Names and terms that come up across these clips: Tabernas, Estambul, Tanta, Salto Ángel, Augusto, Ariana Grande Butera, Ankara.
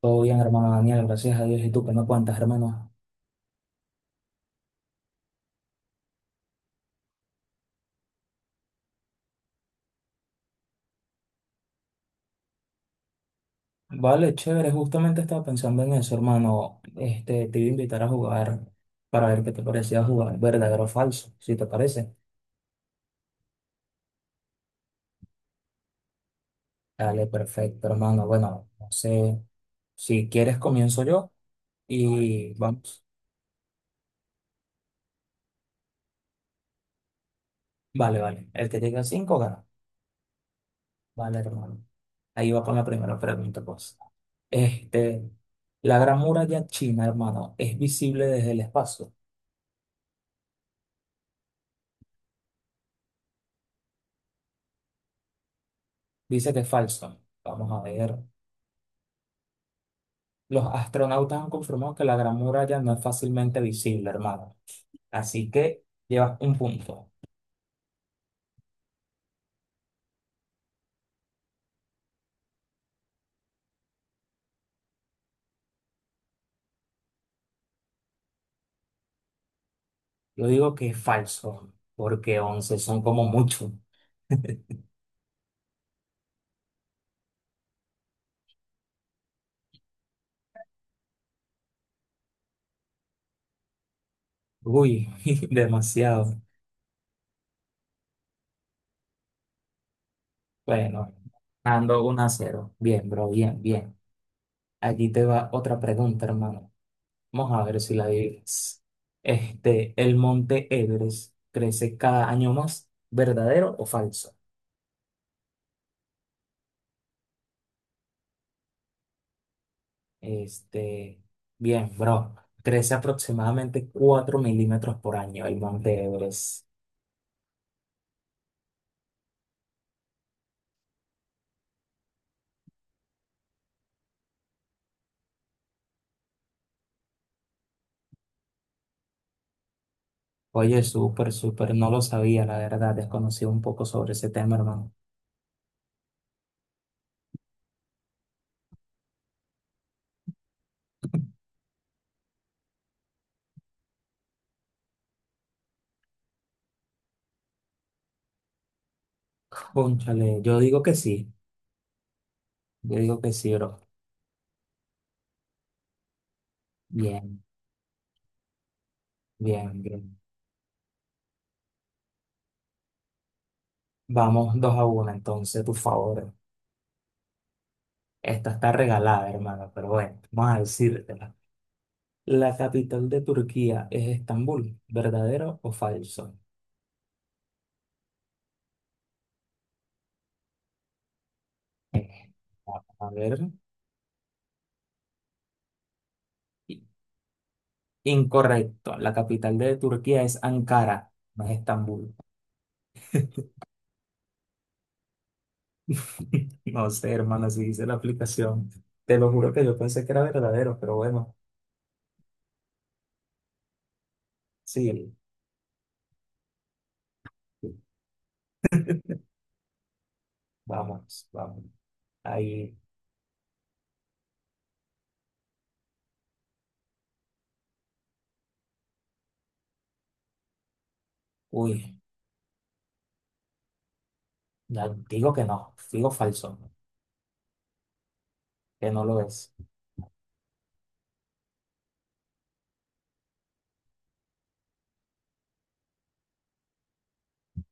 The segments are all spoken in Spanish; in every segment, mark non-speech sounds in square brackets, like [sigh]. Todo bien, hermano Daniel, gracias a Dios. ¿Y tú qué me cuentas, hermano? Vale, chévere, justamente estaba pensando en eso, hermano. Te iba a invitar a jugar para ver qué te parecía jugar, verdadero o falso, si te parece. Dale, perfecto, hermano. Bueno, no sé, si quieres comienzo yo y vamos. Vale, vale. El que llegue a cinco gana. Vale, hermano. Ahí va con la primera pregunta, pues. Este, la Gran Muralla China, hermano, es visible desde el espacio. Dice que es falso. Vamos a ver. Los astronautas han confirmado que la Gran Muralla no es fácilmente visible, hermano. Así que llevas un punto. Yo digo que es falso, porque 11 son como mucho. Uy, [laughs] demasiado. Bueno, ando 1-0. Bien, bro, bien, bien. Aquí te va otra pregunta, hermano. Vamos a ver si la adivinas. ¿El monte Everest crece cada año más? ¿Verdadero o falso? Este, Bien, bro. Crece aproximadamente 4 mm por año el Monte Everest. Oye, súper, súper, no lo sabía, la verdad, desconocía un poco sobre ese tema, hermano. Cónchale, yo digo que sí, yo digo que sí, bro. Bien, bien, bien. Vamos 2-1, entonces, por favor. Esta está regalada, hermano, pero bueno, vamos a decírtela. La capital de Turquía es Estambul, ¿verdadero o falso? Eh, a ver. Incorrecto. La capital de Turquía es Ankara, no es Estambul. [laughs] No sé, hermano, si dice la aplicación. Te lo juro que yo pensé que era verdadero, pero bueno, sí. Vamos, vamos. Ahí, uy, ya digo que no, digo falso, que no lo es.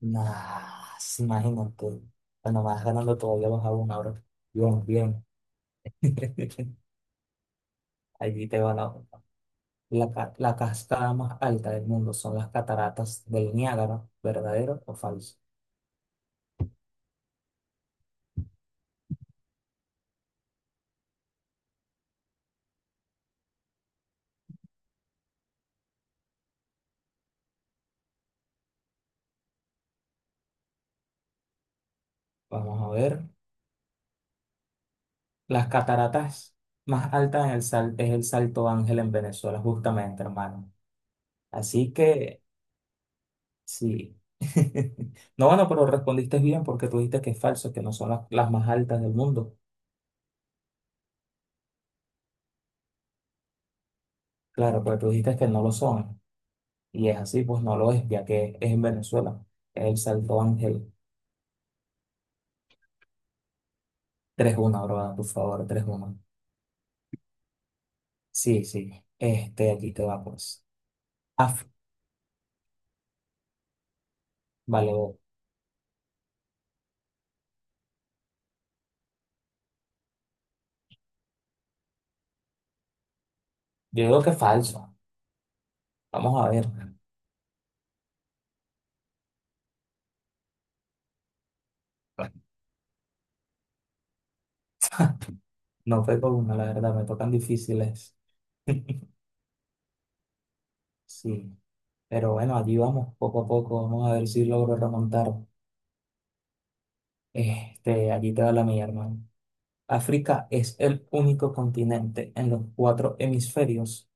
Nah, sí, imagínate. Bueno, vas ganando todavía vas a una ahora. Bien, bien. [laughs] Allí te va la otra. La cascada más alta del mundo, son las cataratas del Niágara, ¿verdadero o falso? Vamos a ver. Las cataratas más altas es el Salto Ángel en Venezuela, justamente, hermano. Así que, sí. [laughs] No, bueno, pero respondiste bien porque tú dijiste que es falso, que no son las más altas del mundo. Claro, pero tú dijiste que no lo son. Y es así, pues no lo es, ya que es en Venezuela. Es el Salto Ángel. Tres 1, bro, a tu favor. Tres 1. Sí, sí. Aquí te va, pues. Ah, vale, yo digo que es falso. Vamos a ver. No fue con una, la verdad, me tocan difíciles. [laughs] Sí, pero bueno, allí vamos, poco a poco, vamos a ver si logro remontar. Allí te va la mía, hermano. África es el único continente en los cuatro hemisferios.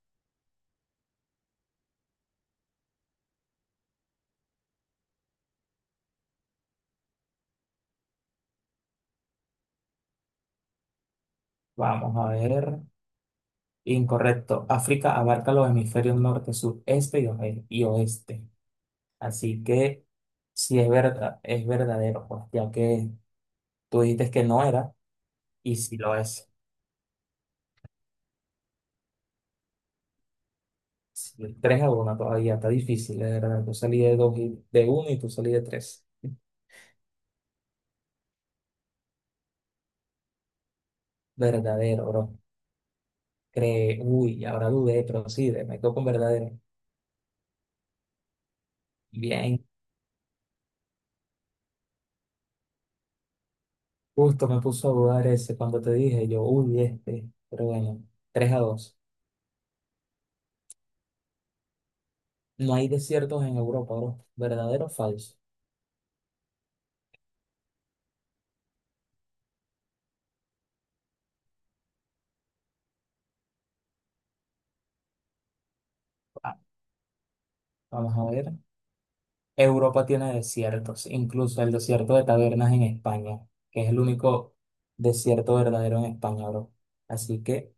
Vamos a ver. Incorrecto. África abarca los hemisferios norte, sur, este y oeste. Así que sí es verdad, es verdadero, pues, ya que tú dijiste que no era y sí lo es. Sí, 3 a uno todavía, está difícil, de verdad. Yo salí de 2 y de uno y tú salí de tres. Verdadero, bro. Cree, uy, ahora dudé, pero sí, me quedo con verdadero. Bien, justo me puso a dudar ese cuando te dije, yo, uy, este. Pero bueno, 3-2. No hay desiertos en Europa, bro. ¿Verdadero o falso? Ah, vamos a ver. Europa tiene desiertos, incluso el desierto de Tabernas en España, que es el único desierto verdadero en España, bro. Así que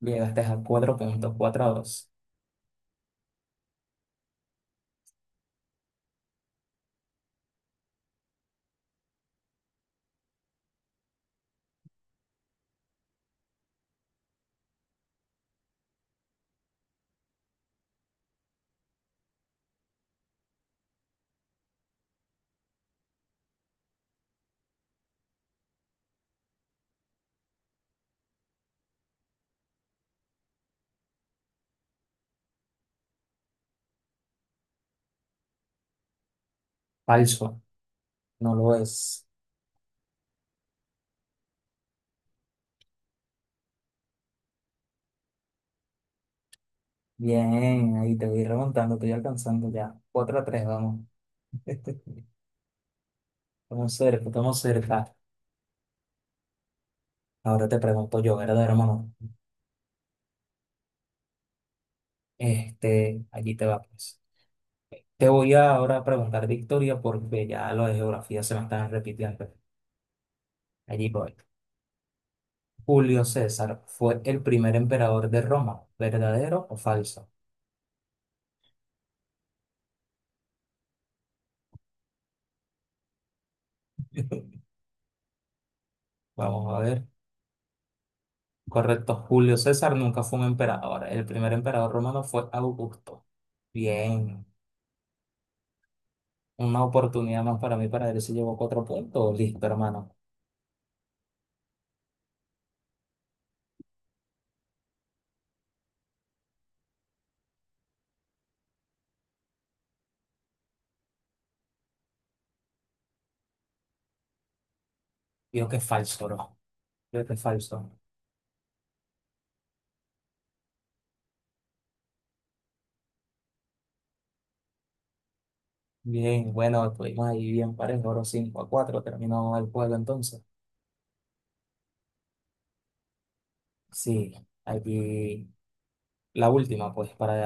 llegaste a 4 puntos. 4-2. Falso. No lo es. Bien, ahí te voy remontando, te voy alcanzando ya. 4-3 vamos. [laughs] Estamos cerca, estamos cerca. Ahora te pregunto yo, ¿verdad, hermano? Allí te va, pues. Te voy a ahora preguntar de historia porque ya lo de geografía se me están repitiendo. Allí voy. Julio César fue el primer emperador de Roma, ¿verdadero o falso? Vamos a ver. Correcto, Julio César nunca fue un emperador. El primer emperador romano fue Augusto. Bien, una oportunidad más para mí para ver si llevo 4 puntos. Listo, hermano. Creo que es falso, bro. Creo que es falso. Bien, bueno, estuvimos ahí bien parejo. Oro 5 a cuatro. Terminó el juego entonces. Sí, aquí la última, pues, para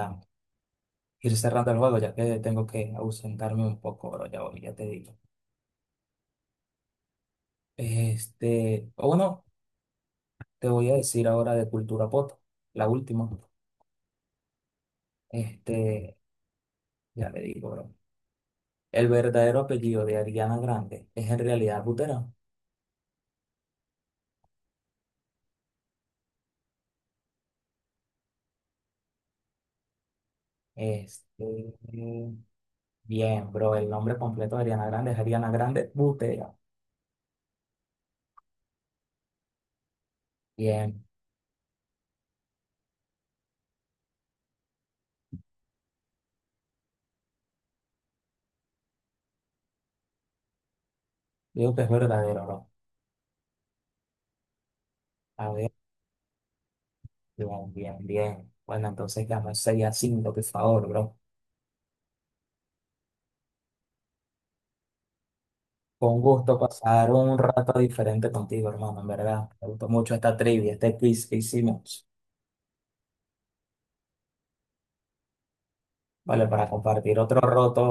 ir cerrando el juego, ya que tengo que ausentarme un poco, bro. Ya, voy, ya te digo. O bueno, te voy a decir ahora de cultura pop, la última. Este, ya le digo, bro. El verdadero apellido de Ariana Grande es en realidad Butera. Este, Bien, bro. El nombre completo de Ariana Grande es Ariana Grande Butera. Bien. Digo que es verdadero, bro. A ver, bien, bien, bien. Bueno, entonces ganó 6-5, por favor, bro. Fue un gusto pasar un rato diferente contigo, hermano, en verdad. Me gustó mucho esta trivia, este quiz que hicimos. Vale, para compartir otro roto.